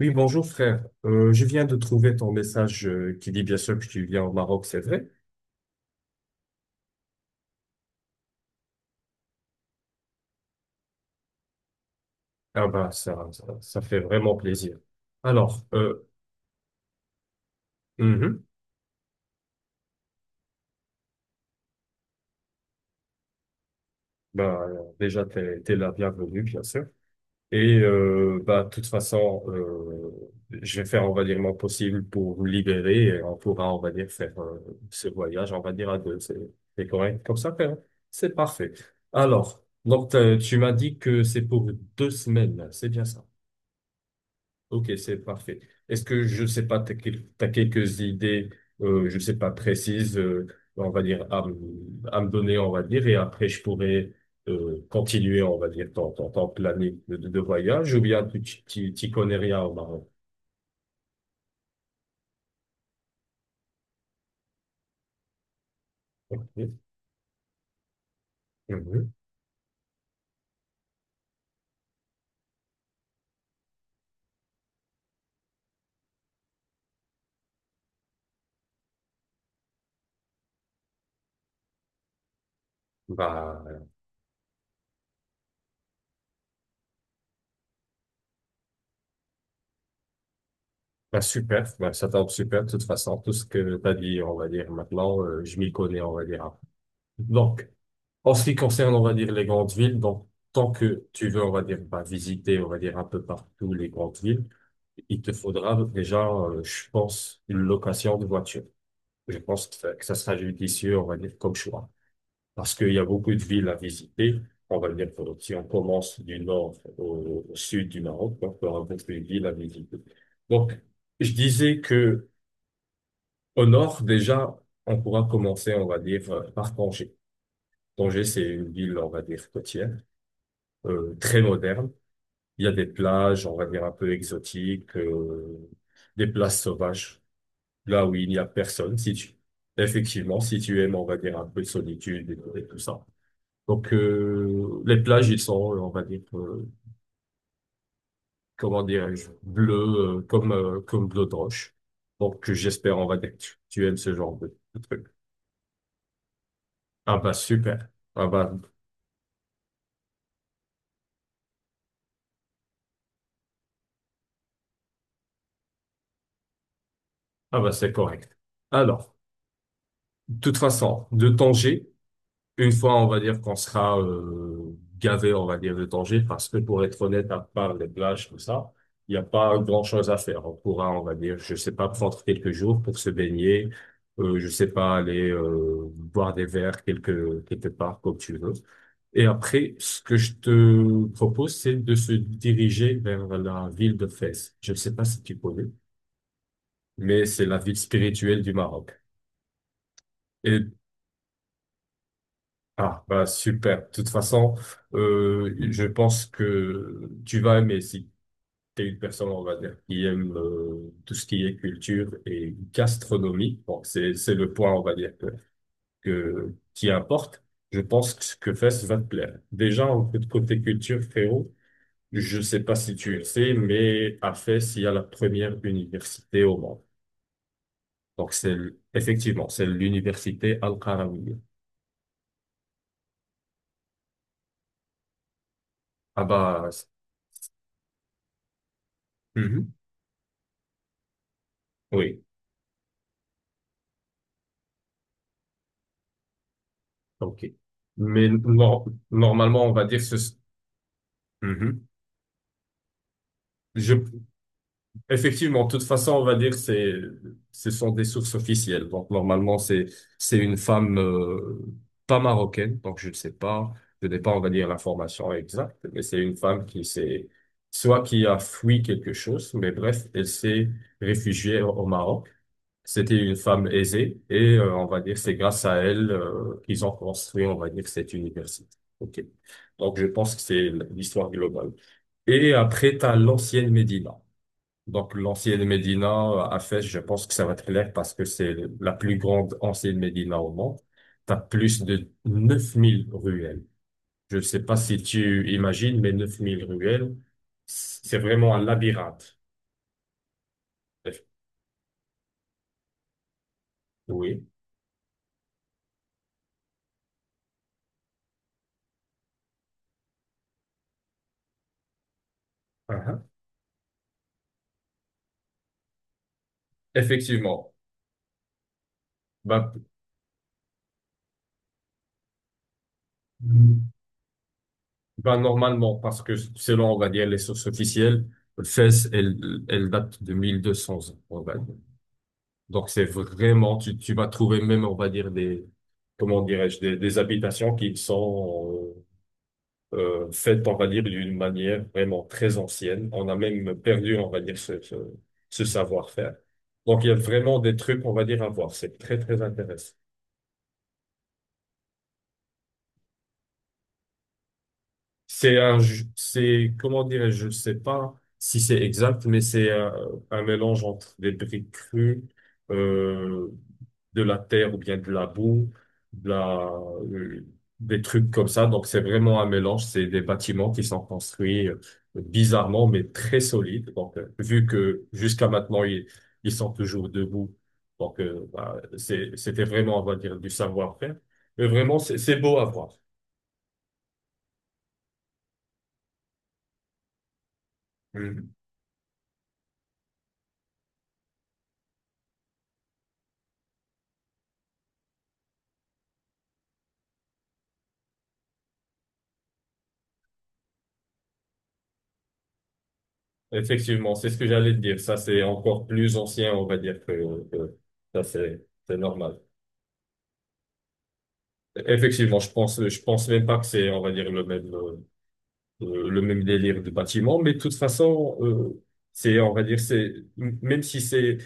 Oui, bonjour frère. Je viens de trouver ton message qui dit bien sûr que tu viens au Maroc, c'est vrai? Ah bah ça fait vraiment plaisir. Alors, mhm. Bah, déjà t'es la bienvenue bien sûr. Et bah de toute façon, je vais faire on va dire mon possible pour vous libérer et on pourra on va dire faire ce voyage on va dire à deux. C'est correct comme ça frère. C'est parfait. Alors, donc tu m'as dit que c'est pour deux semaines, c'est bien ça. Ok, c'est parfait. Est-ce que, je sais pas, tu as, quelques idées, je sais pas, précises, on va dire, à me donner, on va dire, et après, je pourrais continuer, on va dire, ton planning de, de voyage, ou bien t'y connais rien au Maroc? Ok. Mhm. Bah, bah, super, bah, ça tombe super, de toute façon, tout ce que tu as dit, on va dire, maintenant, je m'y connais, on va dire. Donc, en ce qui concerne, on va dire, les grandes villes, donc, tant que tu veux, on va dire, bah, visiter, on va dire, un peu partout les grandes villes, il te faudra déjà, je pense, une location de voiture. Je pense que ça sera judicieux, on va dire, comme choix. Parce qu'il y a beaucoup de villes à visiter. On va dire, que si on commence du nord au sud du Maroc, donc, il y aura beaucoup de villes à visiter. Donc, je disais que au nord, déjà, on pourra commencer, on va dire, par Tanger. Tanger, c'est une ville, on va dire, côtière, très moderne. Il y a des plages, on va dire, un peu exotiques, des plages sauvages, là où il n'y a personne, si tu, effectivement, si tu aimes, on va dire, un peu de solitude et tout ça. Donc, les plages, ils sont, on va dire, comment dirais-je, bleues, comme bleu de roche. Donc, j'espère, on va dire, que tu aimes ce genre de truc. Ah bah, super. Ah bah, c'est correct. Alors, de toute façon, de Tanger, une fois, on va dire qu'on sera gavé, on va dire, de danger, parce que pour être honnête, à part les plages, tout ça, il n'y a pas grand-chose à faire. On pourra, on va dire, je sais pas, prendre quelques jours pour se baigner, je sais pas, aller boire des verres quelque part, comme tu veux. Et après, ce que je te propose, c'est de se diriger vers la ville de Fès. Je ne sais pas si tu connais, mais c'est la ville spirituelle du Maroc. Et Ah, bah super. De toute façon, je pense que tu vas aimer si tu es une personne, on va dire, qui aime tout ce qui est culture et gastronomie. Bon, c'est le point, on va dire, qui importe. Je pense que ce que Fès va te plaire. Déjà, en fait, côté culture, frérot, je sais pas si tu le sais, mais à Fès, il y a la première université au monde. Donc, c'est, effectivement, c'est l'université Al-Qarawiyya. Ah bah, Mhm. Oui. Ok. Mais normalement, on va dire ce. Mhm. Je, effectivement, de toute façon, on va dire ce sont des sources officielles. Donc normalement, c'est une femme pas marocaine. Donc je ne sais pas, je n'ai pas, on va dire l'information exacte, mais c'est une femme qui s'est soit qui a fui quelque chose, mais bref, elle s'est réfugiée au Maroc. C'était une femme aisée et on va dire c'est grâce à elle qu'ils ont construit, on va dire, cette université. OK. Donc je pense que c'est l'histoire globale. Et après, t'as l'ancienne Médina. Donc l'ancienne Médina à Fès, je pense que ça va être clair parce que c'est la plus grande ancienne Médina au monde. T'as plus de 9 000 ruelles. Je ne sais pas si tu imagines, mais 9 000 ruelles, c'est vraiment un labyrinthe. Oui. Uh-huh. Effectivement. Bah, ben, normalement, parce que selon, on va dire, les sources officielles, Fès, elle date de 1200 ans, on va dire. Donc, c'est vraiment, tu vas trouver même, on va dire, des, comment dirais-je, des habitations qui sont faites, on va dire, d'une manière vraiment très ancienne. On a même perdu, on va dire, ce savoir-faire. Donc, il y a vraiment des trucs, on va dire, à voir. C'est très, très intéressant. C'est, comment dirais-je, je ne sais pas si c'est exact, mais c'est un, mélange entre des briques crues, euh, de la terre ou bien de la boue, de la, euh, des trucs comme ça. Donc c'est vraiment un mélange. C'est des bâtiments qui sont construits bizarrement, mais très solides. Donc vu que jusqu'à maintenant ils sont toujours debout, donc bah, c'était vraiment, on va dire, du savoir-faire. Mais vraiment, c'est beau à voir. Mmh. Effectivement, c'est ce que j'allais te dire. Ça, c'est encore plus ancien, on va dire, que ça, c'est normal. Effectivement, je pense même pas que c'est, on va dire, le même délire de bâtiment, mais de toute façon, c'est, on va dire, c'est, même si c'est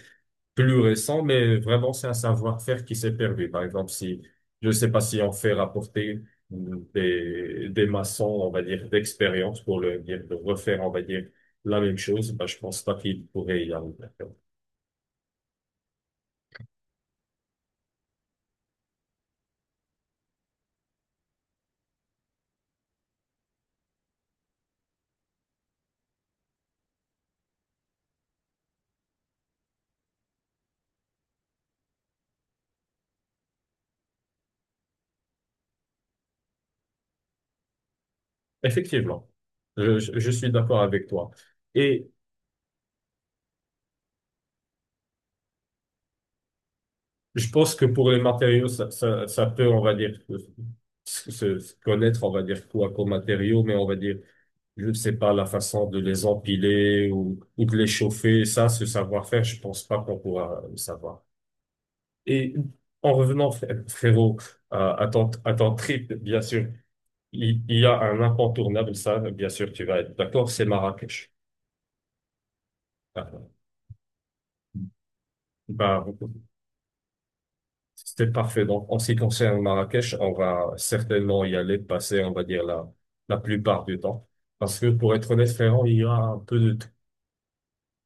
plus récent, mais vraiment, c'est un savoir-faire qui s'est perdu. Par exemple, si, je sais pas si on fait rapporter des maçons, on va dire, d'expérience pour le dire, de refaire, on va dire, la même chose, bah, je pense pas qu'il pourrait y arriver. Effectivement, je suis d'accord avec toi. Et je pense que pour les matériaux, ça peut, on va dire, se connaître, on va dire quoi comme matériaux, mais on va dire, je ne sais pas, la façon de les empiler ou de les chauffer, ça, ce savoir-faire, je pense pas qu'on pourra le savoir. Et en revenant, frérot, à ton trip, bien sûr, il y a un incontournable, ça, bien sûr, tu vas être d'accord, c'est Marrakech. Ah, bah, c'était parfait. Donc, en ce qui concerne Marrakech, on va certainement y aller passer, on va dire, la plupart du temps. Parce que, pour être honnête, frérot, il y a un peu de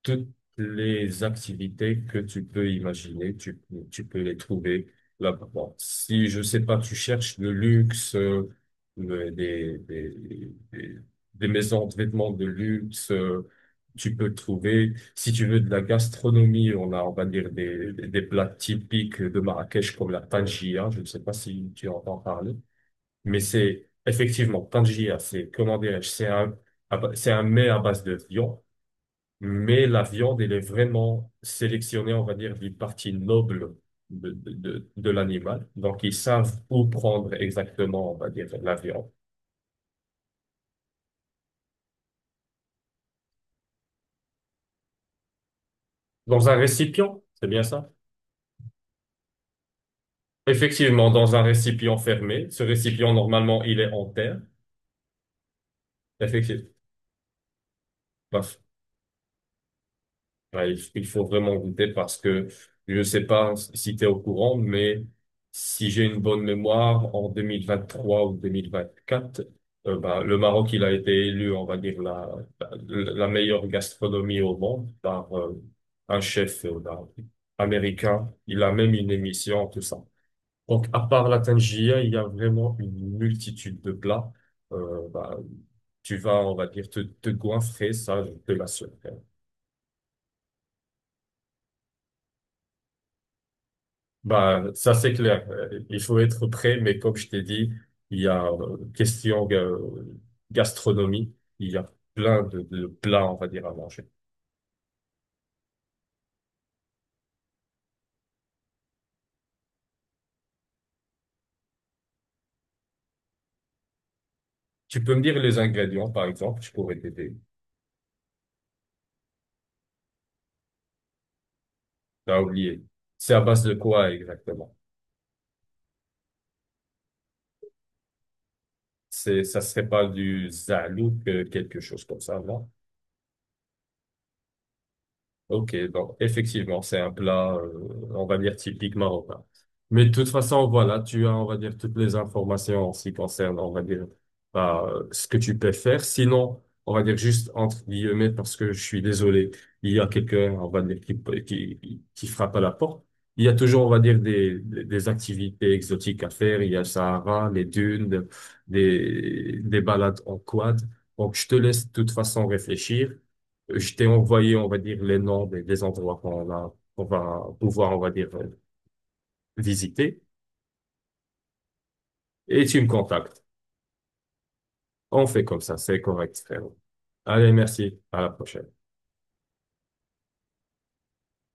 toutes les activités que tu peux imaginer, tu peux les trouver là-bas. Bon, si, je sais pas, tu cherches le luxe, le- des, des, des, des maisons de vêtements de luxe, tu peux le trouver. Si tu veux de la gastronomie, on a, on va dire, des plats typiques de Marrakech comme la tangia. Je ne sais pas si tu entends parler. Mais c'est effectivement, tangia, c'est, comment dirais-je, c'est un mets à base de viande mais la viande, elle est vraiment sélectionnée, on va dire, des parties nobles de l'animal. Donc, ils savent où prendre exactement, on va dire, la viande. Dans un récipient, c'est bien ça? Effectivement, dans un récipient fermé. Ce récipient, normalement, il est en terre. Effectivement. Ouais, il faut vraiment goûter parce que je ne sais pas si tu es au courant, mais si j'ai une bonne mémoire, en 2023 ou 2024, bah, le Maroc, il a été élu, on va dire, la, la la meilleure gastronomie au monde par un chef bah, américain. Il a même une émission, tout ça. Donc, à part la tangia, il y a vraiment une multitude de plats. Bah, tu vas, on va dire, te goinfrer, ça, je te l'assure. Bah, ça c'est clair. Il faut être prêt, mais comme je t'ai dit, il y a question gastronomie, il y a plein de plats, on va dire, à manger. Tu peux me dire les ingrédients, par exemple, je pourrais t'aider. T'as oublié. C'est à base de quoi exactement? C'est, ça serait pas du zalouk, quelque chose comme ça, non? Ok, bon, effectivement, c'est un plat, on va dire, typique marocain. Mais de toute façon, voilà, tu as, on va dire, toutes les informations en ce qui concerne, on va dire, bah, ce que tu peux faire. Sinon, on va dire juste entre guillemets, parce que je suis désolé, il y a quelqu'un, on va dire, qui frappe à la porte. Il y a toujours, on va dire, des activités exotiques à faire. Il y a le Sahara, les dunes, des balades en quad. Donc, je te laisse de toute façon réfléchir. Je t'ai envoyé, on va dire, les noms des endroits qu'on a, qu'on va pouvoir, on va dire, visiter. Et tu me contactes. On fait comme ça, c'est correct, frérot. Allez, merci. À la prochaine.